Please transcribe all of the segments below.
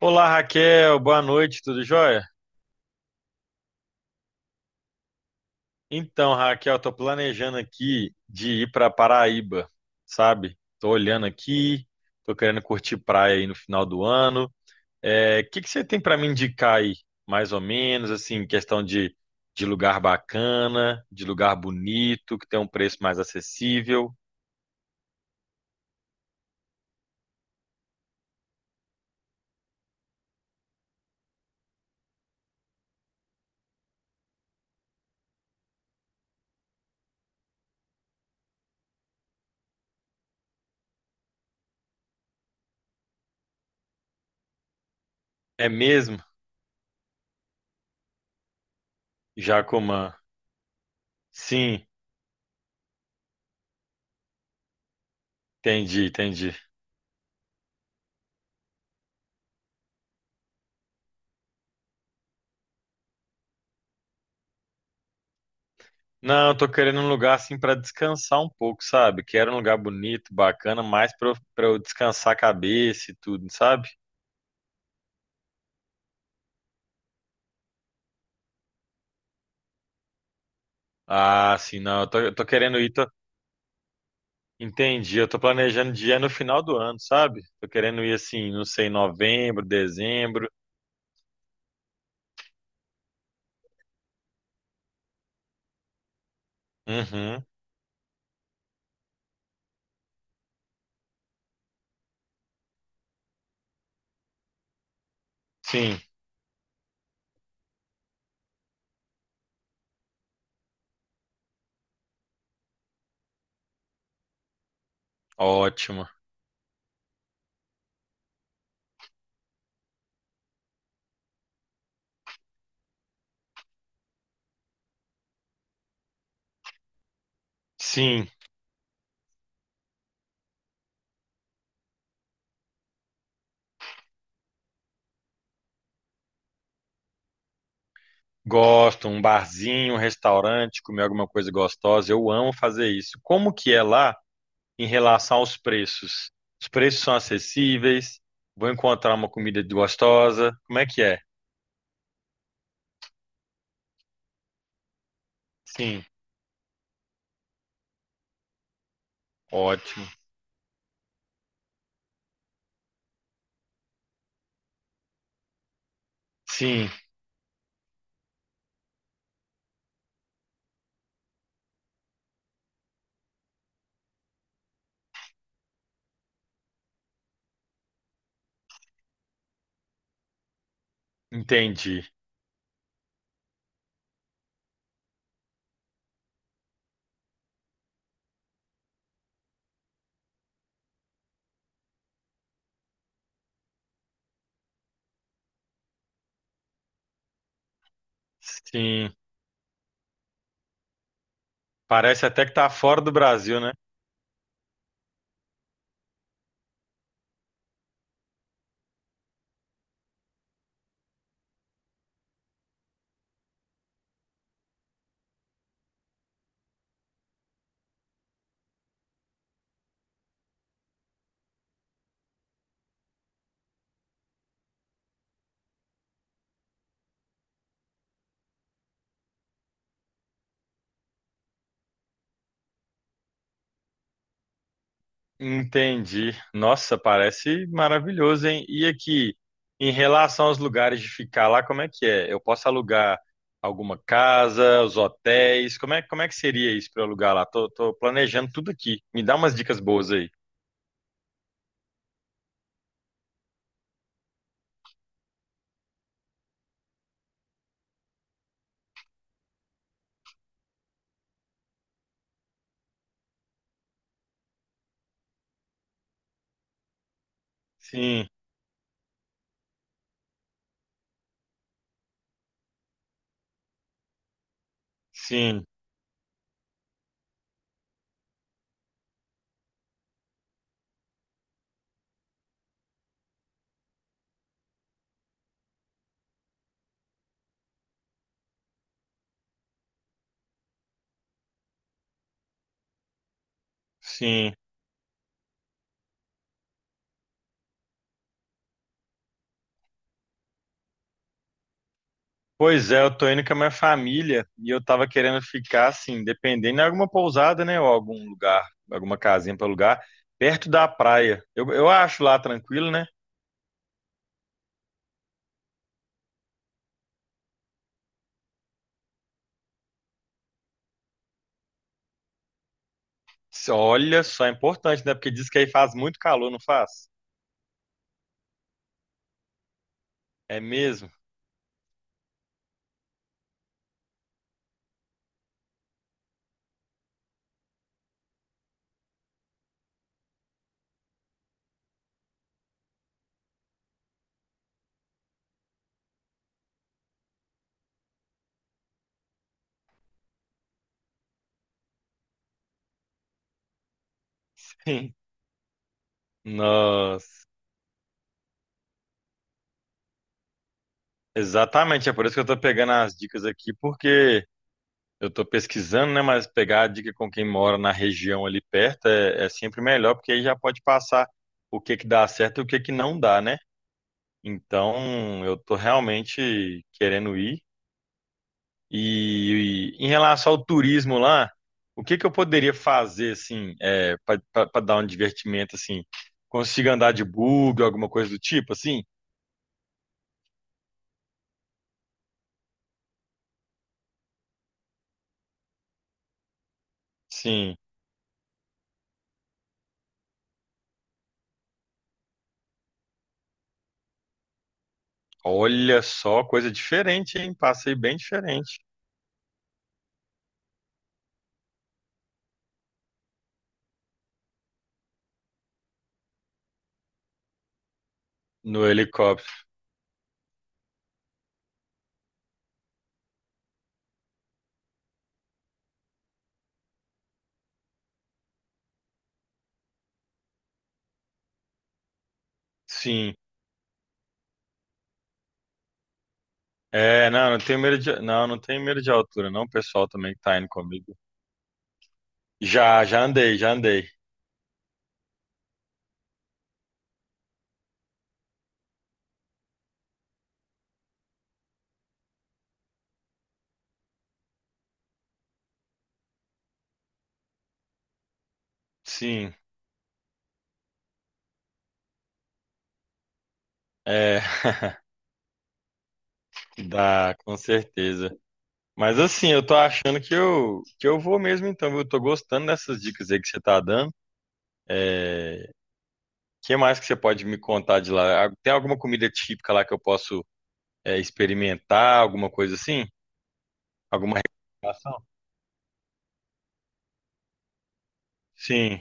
Olá, Raquel, boa noite, tudo jóia? Então, Raquel, tô planejando aqui de ir para Paraíba, sabe? Tô olhando aqui, tô querendo curtir praia aí no final do ano. É, o que que você tem para me indicar aí, mais ou menos, assim, questão de lugar bacana, de lugar bonito, que tem um preço mais acessível? É mesmo, Jacomã? Sim, entendi, entendi. Não, eu tô querendo um lugar assim pra descansar um pouco, sabe? Quero um lugar bonito, bacana, mais pra eu descansar a cabeça e tudo, sabe? Ah, sim, não, eu tô querendo ir, tô- entendi, eu tô planejando dia no final do ano, sabe? Tô querendo ir assim, não sei, novembro, dezembro. Uhum, sim, ótimo. Sim, gosto, um barzinho, um restaurante, comer alguma coisa gostosa, eu amo fazer isso. Como que é lá? Em relação aos preços? Os preços são acessíveis? Vou encontrar uma comida gostosa? Como é que é? Sim, ótimo. Sim, entendi. Sim, parece até que tá fora do Brasil, né? Entendi. Nossa, parece maravilhoso, hein? E aqui, em relação aos lugares de ficar lá, como é que é? Eu posso alugar alguma casa, os hotéis? Como é que seria isso para alugar lá? Tô, tô planejando tudo aqui. Me dá umas dicas boas aí. Sim, sim. Sim. Pois é, eu tô indo com a minha família e eu tava querendo ficar assim, dependendo de alguma pousada, né, ou algum lugar, alguma casinha para alugar, perto da praia. Eu acho lá tranquilo, né? Se- Olha só, é importante, né? Porque diz que aí faz muito calor, não faz? É mesmo? Sim. Nossa. Exatamente, é por isso que eu tô pegando as dicas aqui, porque eu tô pesquisando, né, mas pegar a dica com quem mora na região ali perto é, é sempre melhor, porque aí já pode passar o que que dá certo e o que que não dá, né? Então, eu tô realmente querendo ir. E em relação ao turismo lá, o que que eu poderia fazer assim, é, para dar um divertimento assim? Consigo andar de bug, alguma coisa do tipo assim? Sim. Olha só, coisa diferente, hein? Passei bem diferente no helicóptero. Sim. É, não, não tenho medo de, não, não tenho medo de altura, não, o pessoal também que tá indo comigo. Já, já andei, já andei. Sim. É, dá, com certeza. Mas assim, eu tô achando que eu vou mesmo então, viu? Eu tô gostando dessas dicas aí que você tá dando. É, o que mais que você pode me contar de lá? Ah, tem alguma comida típica lá que eu posso é, experimentar, alguma coisa assim? Alguma recomendação? Sim.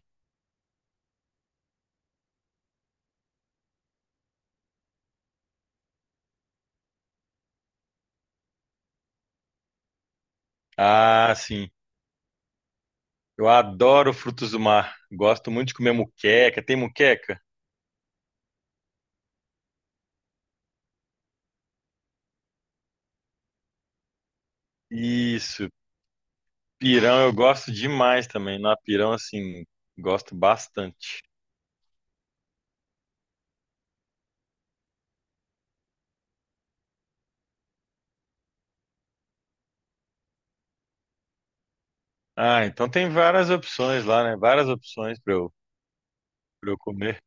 Ah, sim. Eu adoro frutos do mar. Gosto muito de comer muqueca. Tem muqueca? Isso. Pirão eu gosto demais também. Na pirão, assim, gosto bastante. Ah, então tem várias opções lá, né? Várias opções pra eu comer.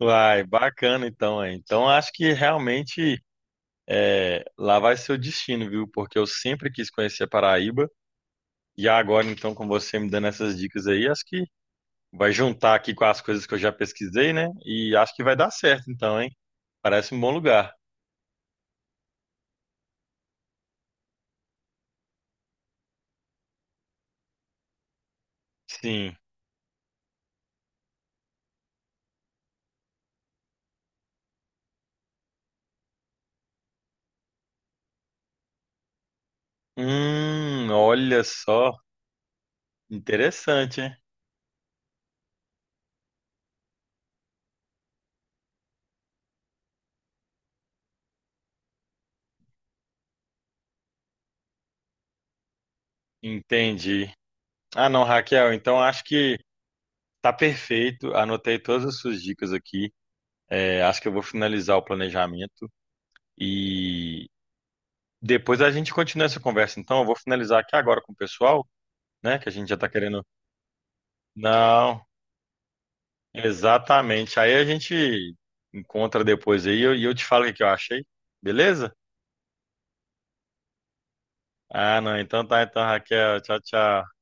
Uai, bacana então, hein? Então acho que realmente é, lá vai ser o destino, viu? Porque eu sempre quis conhecer a Paraíba e agora então com você me dando essas dicas aí, acho que vai juntar aqui com as coisas que eu já pesquisei, né? E acho que vai dar certo então, hein? Parece um bom lugar. Sim. Olha só, interessante, hein? Entendi. Ah, não, Raquel, então acho que tá perfeito. Anotei todas as suas dicas aqui. É, acho que eu vou finalizar o planejamento. E depois a gente continua essa conversa. Então, eu vou finalizar aqui agora com o pessoal, né? Que a gente já está querendo. Não, exatamente. Aí a gente encontra depois aí e eu te falo o que que eu achei. Beleza? Ah, não. Então tá, então, Raquel. Tchau, tchau.